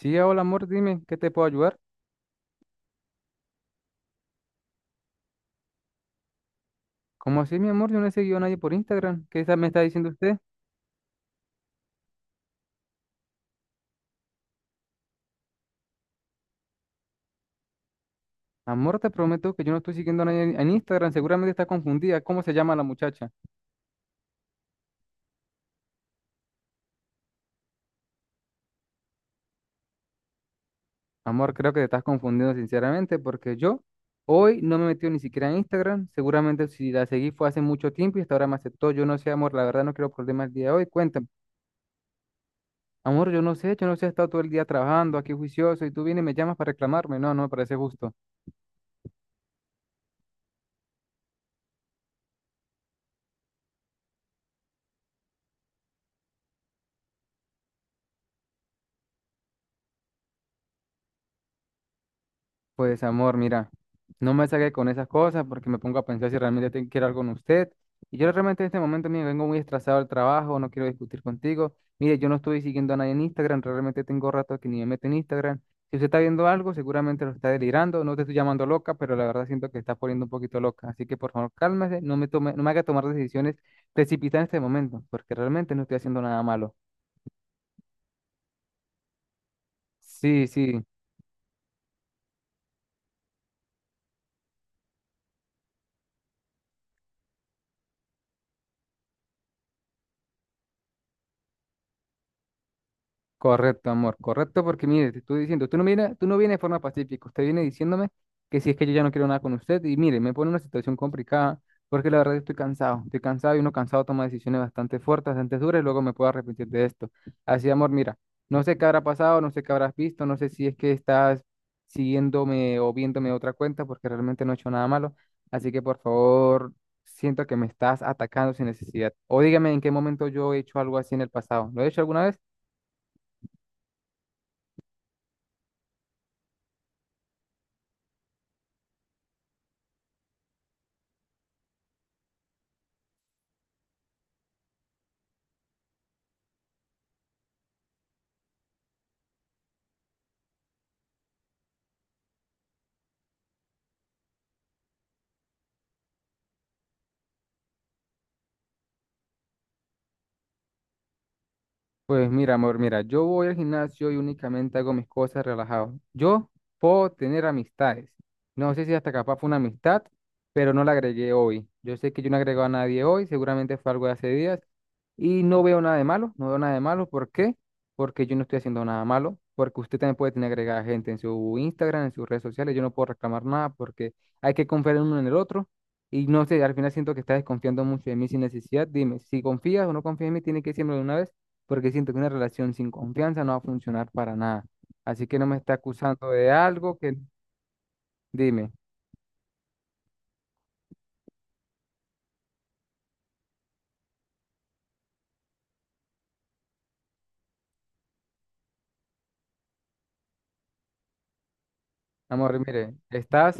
Sí, hola amor, dime, ¿qué te puedo ayudar? ¿Cómo así, mi amor? Yo no he seguido a nadie por Instagram. Me está diciendo usted? Amor, te prometo que yo no estoy siguiendo a nadie en Instagram. Seguramente está confundida. ¿Cómo se llama la muchacha? Amor, creo que te estás confundiendo sinceramente porque yo hoy no me he metido ni siquiera en Instagram. Seguramente si la seguí fue hace mucho tiempo y hasta ahora me aceptó. Yo no sé, amor, la verdad no quiero problemas el día de hoy. Cuéntame. Amor, yo no sé, he estado todo el día trabajando aquí juicioso y tú vienes y me llamas para reclamarme. No, no me parece justo. Pues amor, mira, no me saque con esas cosas porque me pongo a pensar si realmente quiero algo con usted. Y yo realmente en este momento, mire, vengo muy estresado del trabajo, no quiero discutir contigo. Mire, yo no estoy siguiendo a nadie en Instagram, realmente tengo rato que ni me meto en Instagram. Si usted está viendo algo, seguramente lo está delirando. No te estoy llamando loca, pero la verdad siento que está poniendo un poquito loca. Así que por favor, cálmese, no me tome, no me haga tomar decisiones precipitadas en este momento, porque realmente no estoy haciendo nada malo. Sí, sí. Correcto, amor, correcto, porque mire, te estoy diciendo, tú no vienes de forma pacífica, usted viene diciéndome que si es que yo ya no quiero nada con usted, y mire, me pone en una situación complicada, porque la verdad estoy cansado y uno cansado toma decisiones bastante fuertes, bastante duras, y luego me puedo arrepentir de esto. Así, amor, mira, no sé qué habrá pasado, no sé qué habrás visto, no sé si es que estás siguiéndome o viéndome otra cuenta, porque realmente no he hecho nada malo, así que por favor, siento que me estás atacando sin necesidad, o dígame en qué momento yo he hecho algo así en el pasado, ¿lo he hecho alguna vez? Pues mira, amor, mira, yo voy al gimnasio y únicamente hago mis cosas relajado. Yo puedo tener amistades. No sé si hasta capaz fue una amistad, pero no la agregué hoy. Yo sé que yo no agrego a nadie hoy, seguramente fue algo de hace días y no veo nada de malo, no veo nada de malo. ¿Por qué? Porque yo no estoy haciendo nada malo, porque usted también puede tener agregada gente en su Instagram, en sus redes sociales. Yo no puedo reclamar nada porque hay que confiar en uno en el otro. Y no sé, al final siento que está desconfiando mucho de mí sin necesidad. Dime, si confías o no confías en mí, tiene que decirme de una vez, porque siento que una relación sin confianza no va a funcionar para nada. Así que no me está acusando de algo que, dime. Amor, mire, estás,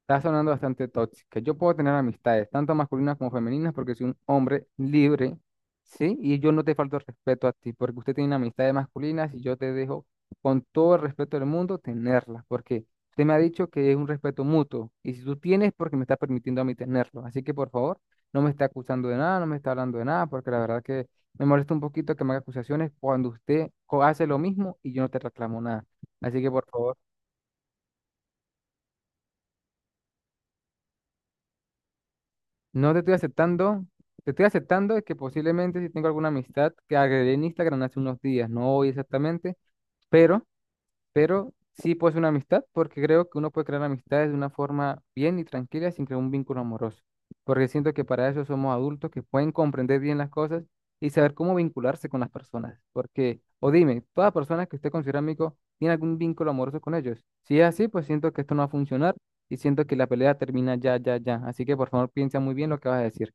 estás sonando bastante tóxica. Yo puedo tener amistades, tanto masculinas como femeninas, porque soy un hombre libre, ¿sí? Y yo no te falto el respeto a ti, porque usted tiene amistades masculinas y yo te dejo, con todo el respeto del mundo, tenerlas, porque usted me ha dicho que es un respeto mutuo, y si tú tienes, porque me estás permitiendo a mí tenerlo. Así que, por favor, no me está acusando de nada, no me está hablando de nada, porque la verdad que me molesta un poquito que me haga acusaciones cuando hace lo mismo y yo no te reclamo nada. Así que, por favor. No te estoy aceptando. Te estoy aceptando de que posiblemente si tengo alguna amistad que agregué en Instagram hace unos días, no hoy exactamente, pero, pero sí puede ser una amistad porque creo que uno puede crear amistades de una forma bien y tranquila sin crear un vínculo amoroso. Porque siento que para eso somos adultos que pueden comprender bien las cosas y saber cómo vincularse con las personas. Porque, o dime, toda persona que usted considera amigo tiene algún vínculo amoroso con ellos. Si es así, pues siento que esto no va a funcionar y siento que la pelea termina ya, ya, ya. Así que por favor piensa muy bien lo que vas a decir.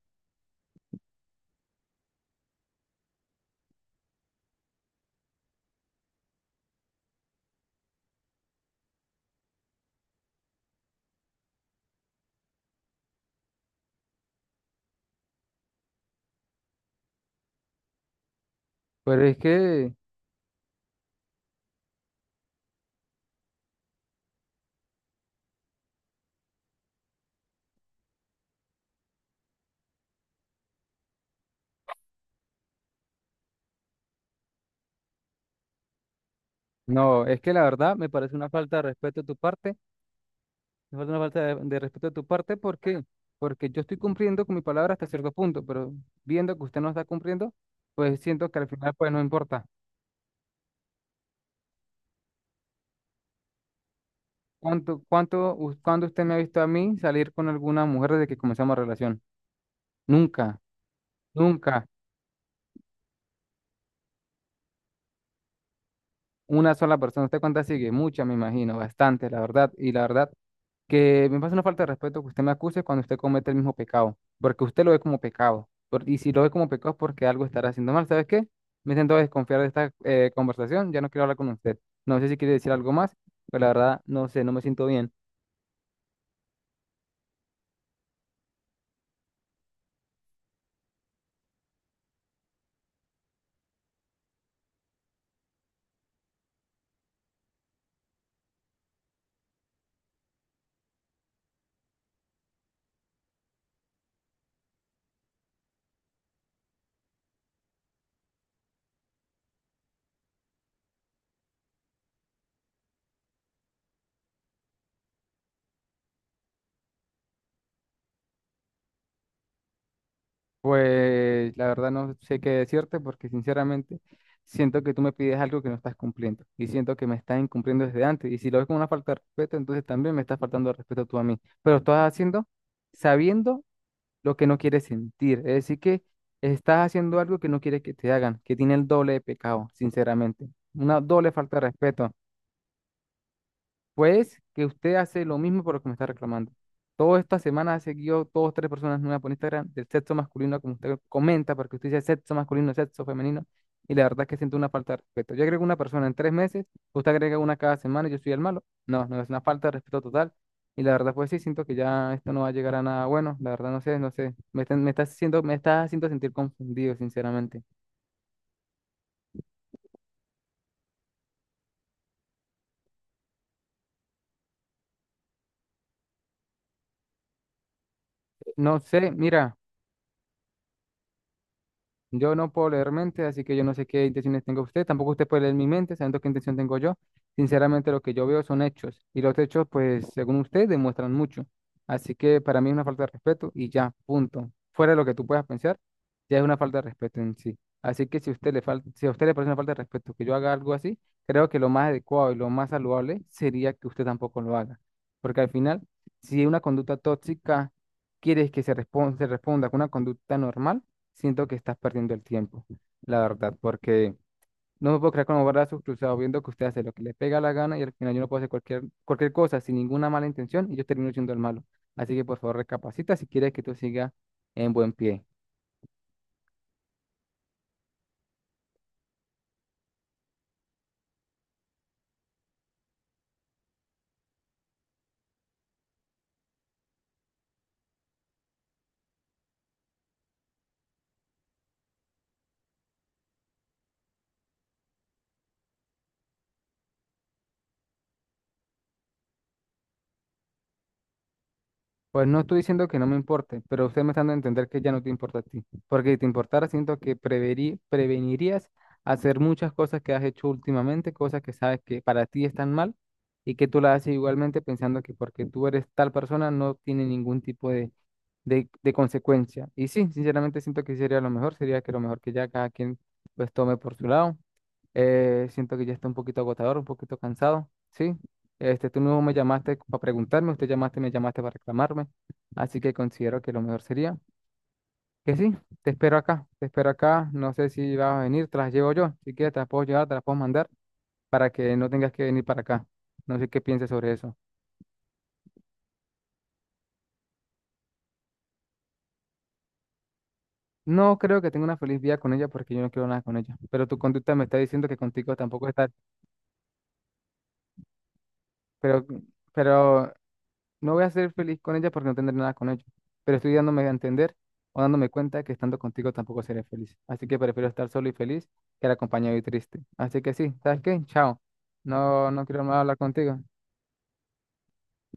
Pero es que, no, es que la verdad me parece una falta de respeto de tu parte, me falta una falta de respeto de tu parte, ¿por qué? Porque yo estoy cumpliendo con mi palabra hasta cierto punto, pero viendo que usted no está cumpliendo, pues siento que al final pues no importa. Cuándo usted me ha visto a mí salir con alguna mujer desde que comenzamos relación? Nunca, nunca, una sola persona. ¿Usted cuántas sigue? Muchas, me imagino, bastante, la verdad. Y la verdad, que me parece una falta de respeto que usted me acuse cuando usted comete el mismo pecado, porque usted lo ve como pecado, y si lo ve como pecado es porque algo estará haciendo mal, ¿sabes qué? Me siento a desconfiar de esta conversación, ya no quiero hablar con usted. No sé si quiere decir algo más, pero la verdad no sé, no me siento bien. Pues la verdad no sé qué decirte porque sinceramente siento que tú me pides algo que no estás cumpliendo y siento que me estás incumpliendo desde antes y si lo ves como una falta de respeto, entonces también me estás faltando de respeto tú a mí, pero lo estás haciendo sabiendo lo que no quieres sentir. Es decir, que estás haciendo algo que no quieres que te hagan, que tiene el doble de pecado, sinceramente. Una doble falta de respeto. Pues que usted hace lo mismo por lo que me está reclamando. Toda esta semana ha seguido dos, tres personas nuevas por Instagram del sexo masculino, como usted comenta, porque usted dice sexo masculino, sexo femenino, y la verdad es que siento una falta de respeto. Yo agrego una persona en tres meses, usted agrega una cada semana y yo soy el malo. No, no, es una falta de respeto total. Y la verdad, pues sí, siento que ya esto no va a llegar a nada bueno. La verdad, no sé, no sé. Me está haciendo sentir confundido, sinceramente. No sé, mira. Yo no puedo leer mente, así que yo no sé qué intenciones tenga usted. Tampoco usted puede leer mi mente, sabiendo qué intención tengo yo. Sinceramente, lo que yo veo son hechos. Y los hechos, pues, según usted, demuestran mucho. Así que para mí es una falta de respeto y ya, punto. Fuera de lo que tú puedas pensar, ya es una falta de respeto en sí. Así que si usted le falta, si a usted le parece una falta de respeto que yo haga algo así, creo que lo más adecuado y lo más saludable sería que usted tampoco lo haga. Porque al final, si una conducta tóxica quieres que se se responda con una conducta normal, siento que estás perdiendo el tiempo, la verdad, porque no me puedo creer con los brazos cruzados viendo que usted hace lo que le pega la gana y al final yo no puedo hacer cualquier, cualquier cosa sin ninguna mala intención y yo termino siendo el malo. Así que por favor recapacita si quieres que tú sigas en buen pie. Pues no estoy diciendo que no me importe, pero usted me está dando a entender que ya no te importa a ti, porque si te importara siento que prevenirías hacer muchas cosas que has hecho últimamente, cosas que sabes que para ti están mal y que tú las haces igualmente pensando que porque tú eres tal persona no tiene ningún tipo de de consecuencia. Y sí, sinceramente siento que sería lo mejor, sería que lo mejor que ya cada quien pues tome por su lado. Siento que ya está un poquito agotador, un poquito cansado, ¿sí? Este, tú no me llamaste para preguntarme, usted llamaste, me llamaste para reclamarme, así que considero que lo mejor sería que sí, te espero acá, no sé si vas a venir, te las llevo yo, si quieres te las puedo llevar, te las puedo mandar para que no tengas que venir para acá. No sé qué pienses sobre eso. No creo que tenga una feliz vida con ella porque yo no quiero nada con ella. Pero tu conducta me está diciendo que contigo tampoco está. Pero, pero no voy a ser feliz con ella porque no tendré nada con ella. Pero estoy dándome a entender o dándome cuenta que estando contigo tampoco seré feliz. Así que prefiero estar solo y feliz que acompañado y triste. Así que sí, ¿sabes qué? Chao. No, no quiero más hablar contigo.